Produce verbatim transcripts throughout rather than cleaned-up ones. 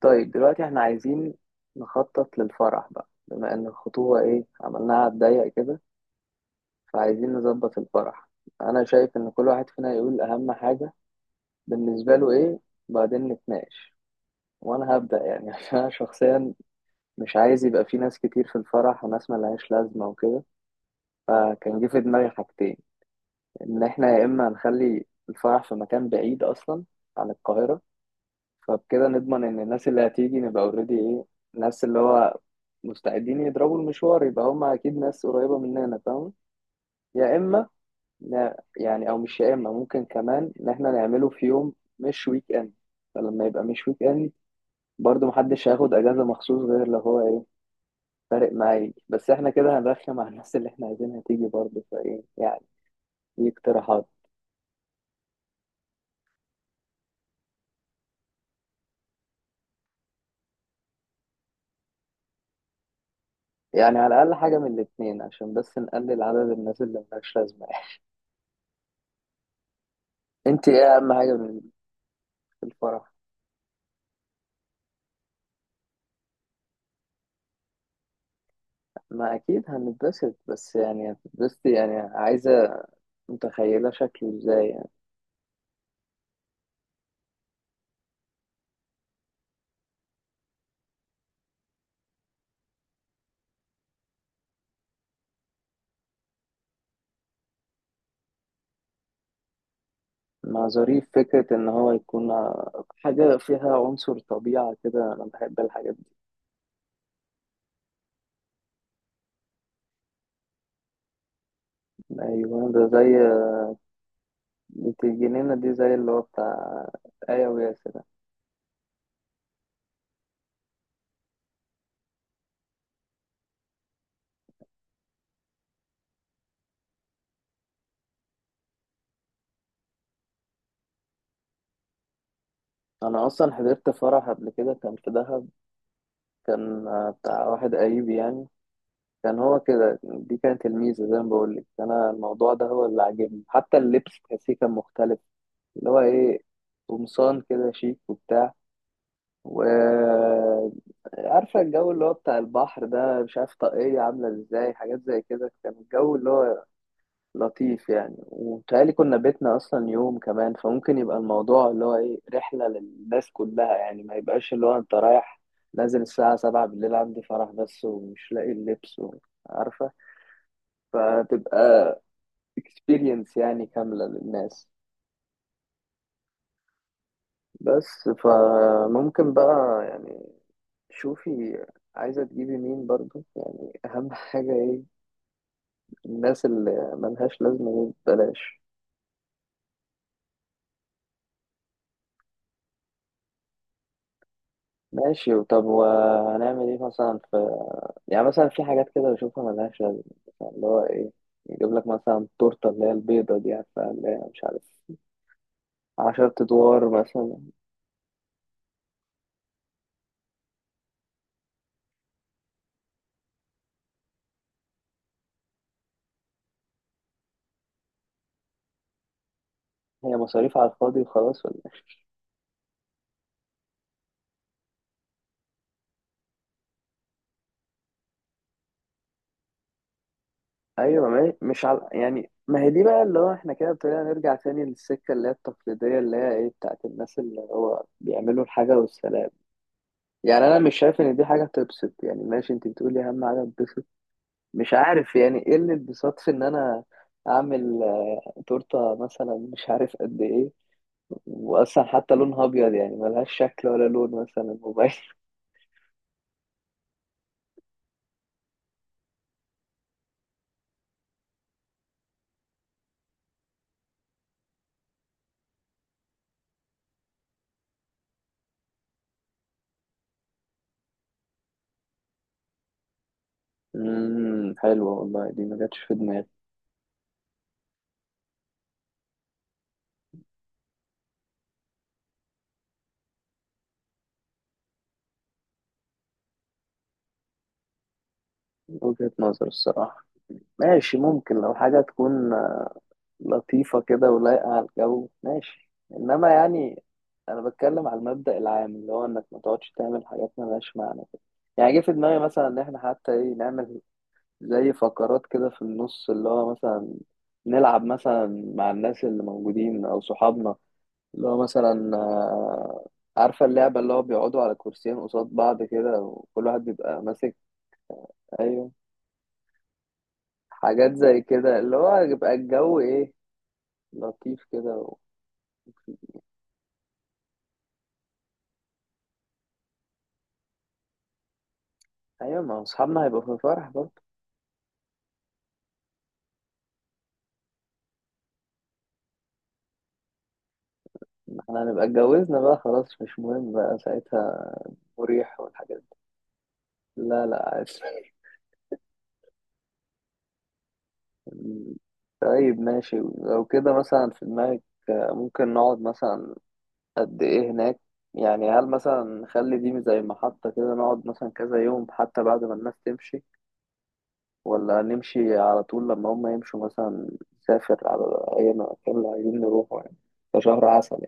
طيب دلوقتي احنا عايزين نخطط للفرح بقى، بما ان الخطوبة ايه، عملناها على الضيق كده، فعايزين نظبط الفرح. انا شايف ان كل واحد فينا يقول اهم حاجة بالنسبة له ايه، بعدين نتناقش، وانا هبدأ يعني عشان انا شخصيا مش عايز يبقى في ناس كتير في الفرح وناس ملهاش لازمة وكده، فكان جه في دماغي حاجتين. ان احنا يا اما نخلي الفرح في مكان بعيد اصلا عن القاهرة، فبكده نضمن ان الناس اللي هتيجي نبقى اوريدي ايه، الناس اللي هو مستعدين يضربوا المشوار يبقى هم اكيد ناس قريبة مننا، فاهم؟ يا اما ن- يعني، او مش يا اما، ممكن كمان ان احنا نعمله في يوم مش ويك اند، فلما يبقى مش ويك اند برضه محدش هياخد اجازة مخصوص غير لو هو ايه، فارق معايا، بس احنا كده هنرخم على الناس اللي احنا عايزينها تيجي برضه، فايه يعني، دي اقتراحات. يعني على الاقل حاجة من الاتنين عشان بس نقلل عدد الناس اللي ملهاش لازمة انت ايه اهم حاجة من- في الفرح؟ ما اكيد هنتبسط، بس يعني هتتبسط يعني عايزه متخيله شكله ازاي يعني. مع ظريف فكره ان هو يكون حاجه فيها عنصر طبيعه كده، انا بحب الحاجات دي. ايوه ده زي بنت الجنينه دي، زي اللي هو بتاع ايه، وياسر ده. انا اصلا حضرت فرح قبل كده كان في دهب، كان بتاع واحد قريب يعني، كان هو كده، دي كانت الميزه زي ما بقول لك، انا الموضوع ده هو اللي عاجبني، حتى اللبس تحسيه كان مختلف، اللي هو ايه، قمصان كده شيك وبتاع، وعارفة الجو اللي هو بتاع البحر ده، مش عارف، طاقية عاملة ازاي، حاجات زي كده، كان الجو اللي هو لطيف يعني، وبيتهيألي كنا بيتنا أصلا يوم كمان، فممكن يبقى الموضوع اللي هو ايه رحلة للناس كلها يعني، ما يبقاش اللي هو انت رايح نازل الساعة سبعة بالليل عندي فرح بس ومش لاقي اللبس و- عارفة، فتبقى experience يعني كاملة للناس. بس فممكن بقى يعني، شوفي عايزة تجيبي مين برضو؟ يعني أهم حاجة إيه؟ الناس اللي ملهاش لازمة دي بلاش. ماشي، طب وهنعمل إيه مثلا في، يعني مثلا في حاجات كده بشوفها ملهاش لازمة، مثلا اللي هو إيه، يجيب لك مثلا التورتة اللي هي البيضة دي، عارفة اللي هي مش عارف، عشرة أدوار مثلا، هي مصاريف على الفاضي وخلاص ولا إيه؟ أيوة ما هي- مش على، يعني ما هي دي بقى اللي هو إحنا كده ابتدينا نرجع تاني للسكة اللي هي التقليدية اللي هي إيه بتاعت الناس اللي هو بيعملوا الحاجة والسلام، يعني انا مش شايف ان دي حاجه تبسط، يعني ماشي انت بتقولي اهم حاجه تبسط، مش عارف يعني ايه اللي اتبسط في ان انا اعمل آه، تورته مثلا مش عارف قد ايه، واصلا حتى لونها ابيض يعني ملهاش شكل ولا لون مثلا مبين. امم حلوه والله، دي ما جاتش في دماغي، وجهه نظر الصراحه، ماشي ممكن لو حاجه تكون لطيفة كده ولايقة على الجو، ماشي، إنما يعني أنا بتكلم على المبدأ العام اللي هو إنك ما تقعدش تعمل حاجات ملهاش معنى كده. يعني جه في دماغي مثلا إن إحنا حتى إيه نعمل زي فقرات كده في النص، اللي هو مثلا نلعب مثلا مع الناس اللي موجودين أو صحابنا، اللي هو مثلا آه، عارفة اللعبة اللي هو بيقعدوا على كرسيين قصاد بعض كده وكل واحد بيبقى ماسك، أيوه، حاجات زي كده اللي هو يبقى الجو إيه لطيف كده. ايوه ما اصحابنا هيبقوا في الفرح برضه، ما احنا هنبقى اتجوزنا بقى خلاص مش مهم بقى ساعتها، مريح والحاجات دي، لا لا عادي. طيب ماشي لو كده مثلا في دماغك آه، ممكن نقعد مثلا قد ايه هناك؟ يعني هل مثلا نخلي دي زي محطة كده نقعد مثلا كذا يوم حتى بعد ما الناس تمشي، ولا نمشي على طول لما هم يمشوا مثلا، نسافر على اي مكان اللي عايزين نروحه يعني كشهر عسل.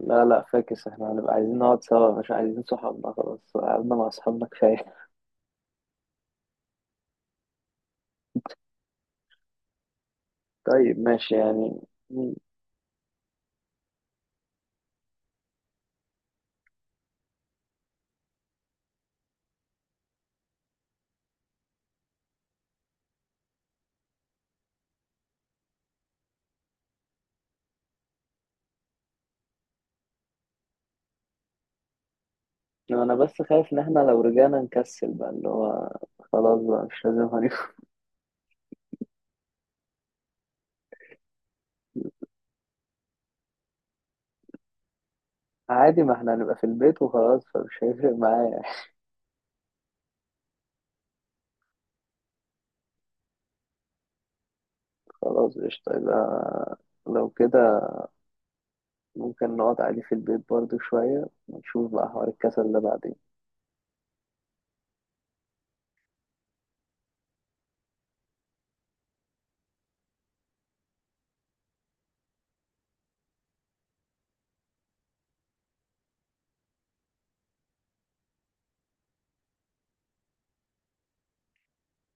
لا لا فاكس، احنا هنبقى عايزين نقعد سوا مش عايزين صحابنا، خلاص قعدنا مع صحابنا كفاية. طيب ماشي يعني م- انا بس خايف ان احنا لو رجعنا نكسل بقى اللي هو خلاص بقى مش لازم هنف عادي ما احنا هنبقى في البيت وخلاص فمش هيفرق معايا خلاص قشطة، يبقى لو كده ممكن نقعد عادي في البيت برضو شوية ونشوف بقى حوار الكسل ده بعدين.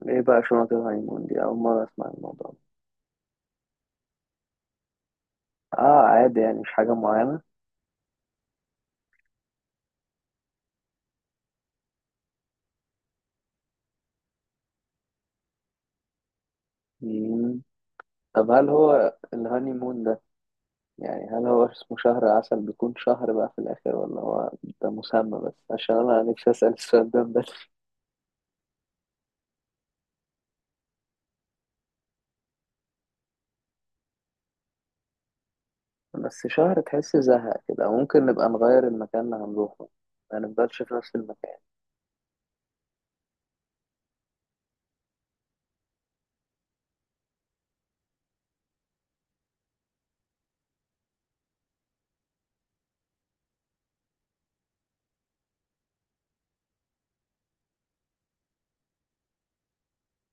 ايه بقى شنط الهايمون دي؟ أول مرة أسمع الموضوع ده. اه عادي يعني مش حاجة معينة. مم. طب هل هو الهانيمون ده، يعني هل هو اسمه شهر عسل بيكون شهر بقى في الآخر، ولا هو ده مسمى بس؟ عشان أنا نفسي أسأل السؤال ده من بدري. بس شهر تحس زهق كده، ممكن نبقى نغير المكان اللي هنروحه، ما نفضلش في نفس المكان.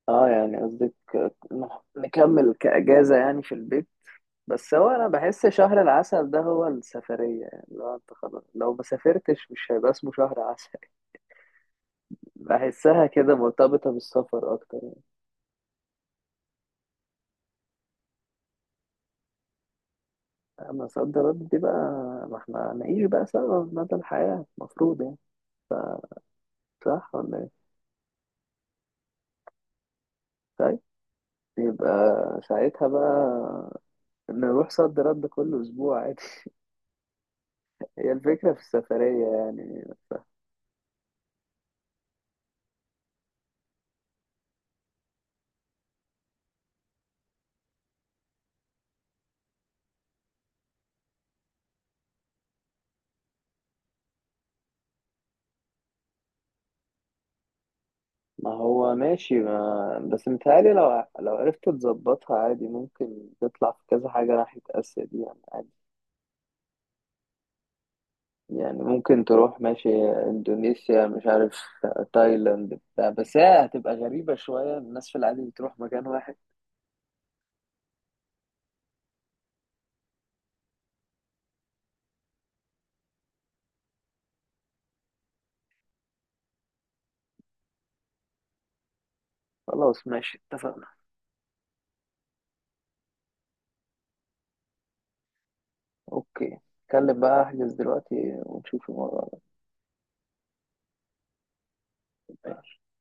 اه يعني قصدك نح- نكمل كأجازة يعني في البيت، بس هو أنا بحس شهر العسل ده هو السفرية يعني، لو أنت خلاص لو ما سافرتش مش هيبقى اسمه شهر عسل. بحسها كده مرتبطة بالسفر أكتر، مصدرات دي بقى، ما احنا نعيش بقى سوا مدى الحياة المفروض يعني، صح ولا ايه؟ طيب، يبقى ساعتها بقى نروح صد رد كل أسبوع عادي هي الفكرة في السفرية يعني. ما هو ماشي، ما بس متهيألي لو لو عرفت تظبطها عادي ممكن تطلع في كذا حاجة ناحية آسيا دي يعني عادي، يعني ممكن تروح ماشي إندونيسيا مش عارف تايلاند بتاع، بس هي هتبقى غريبة شوية، الناس في العادي بتروح مكان واحد. خلاص ماشي اتفقنا، اوكي اتكلم بقى احجز دلوقتي ونشوف الموضوع ده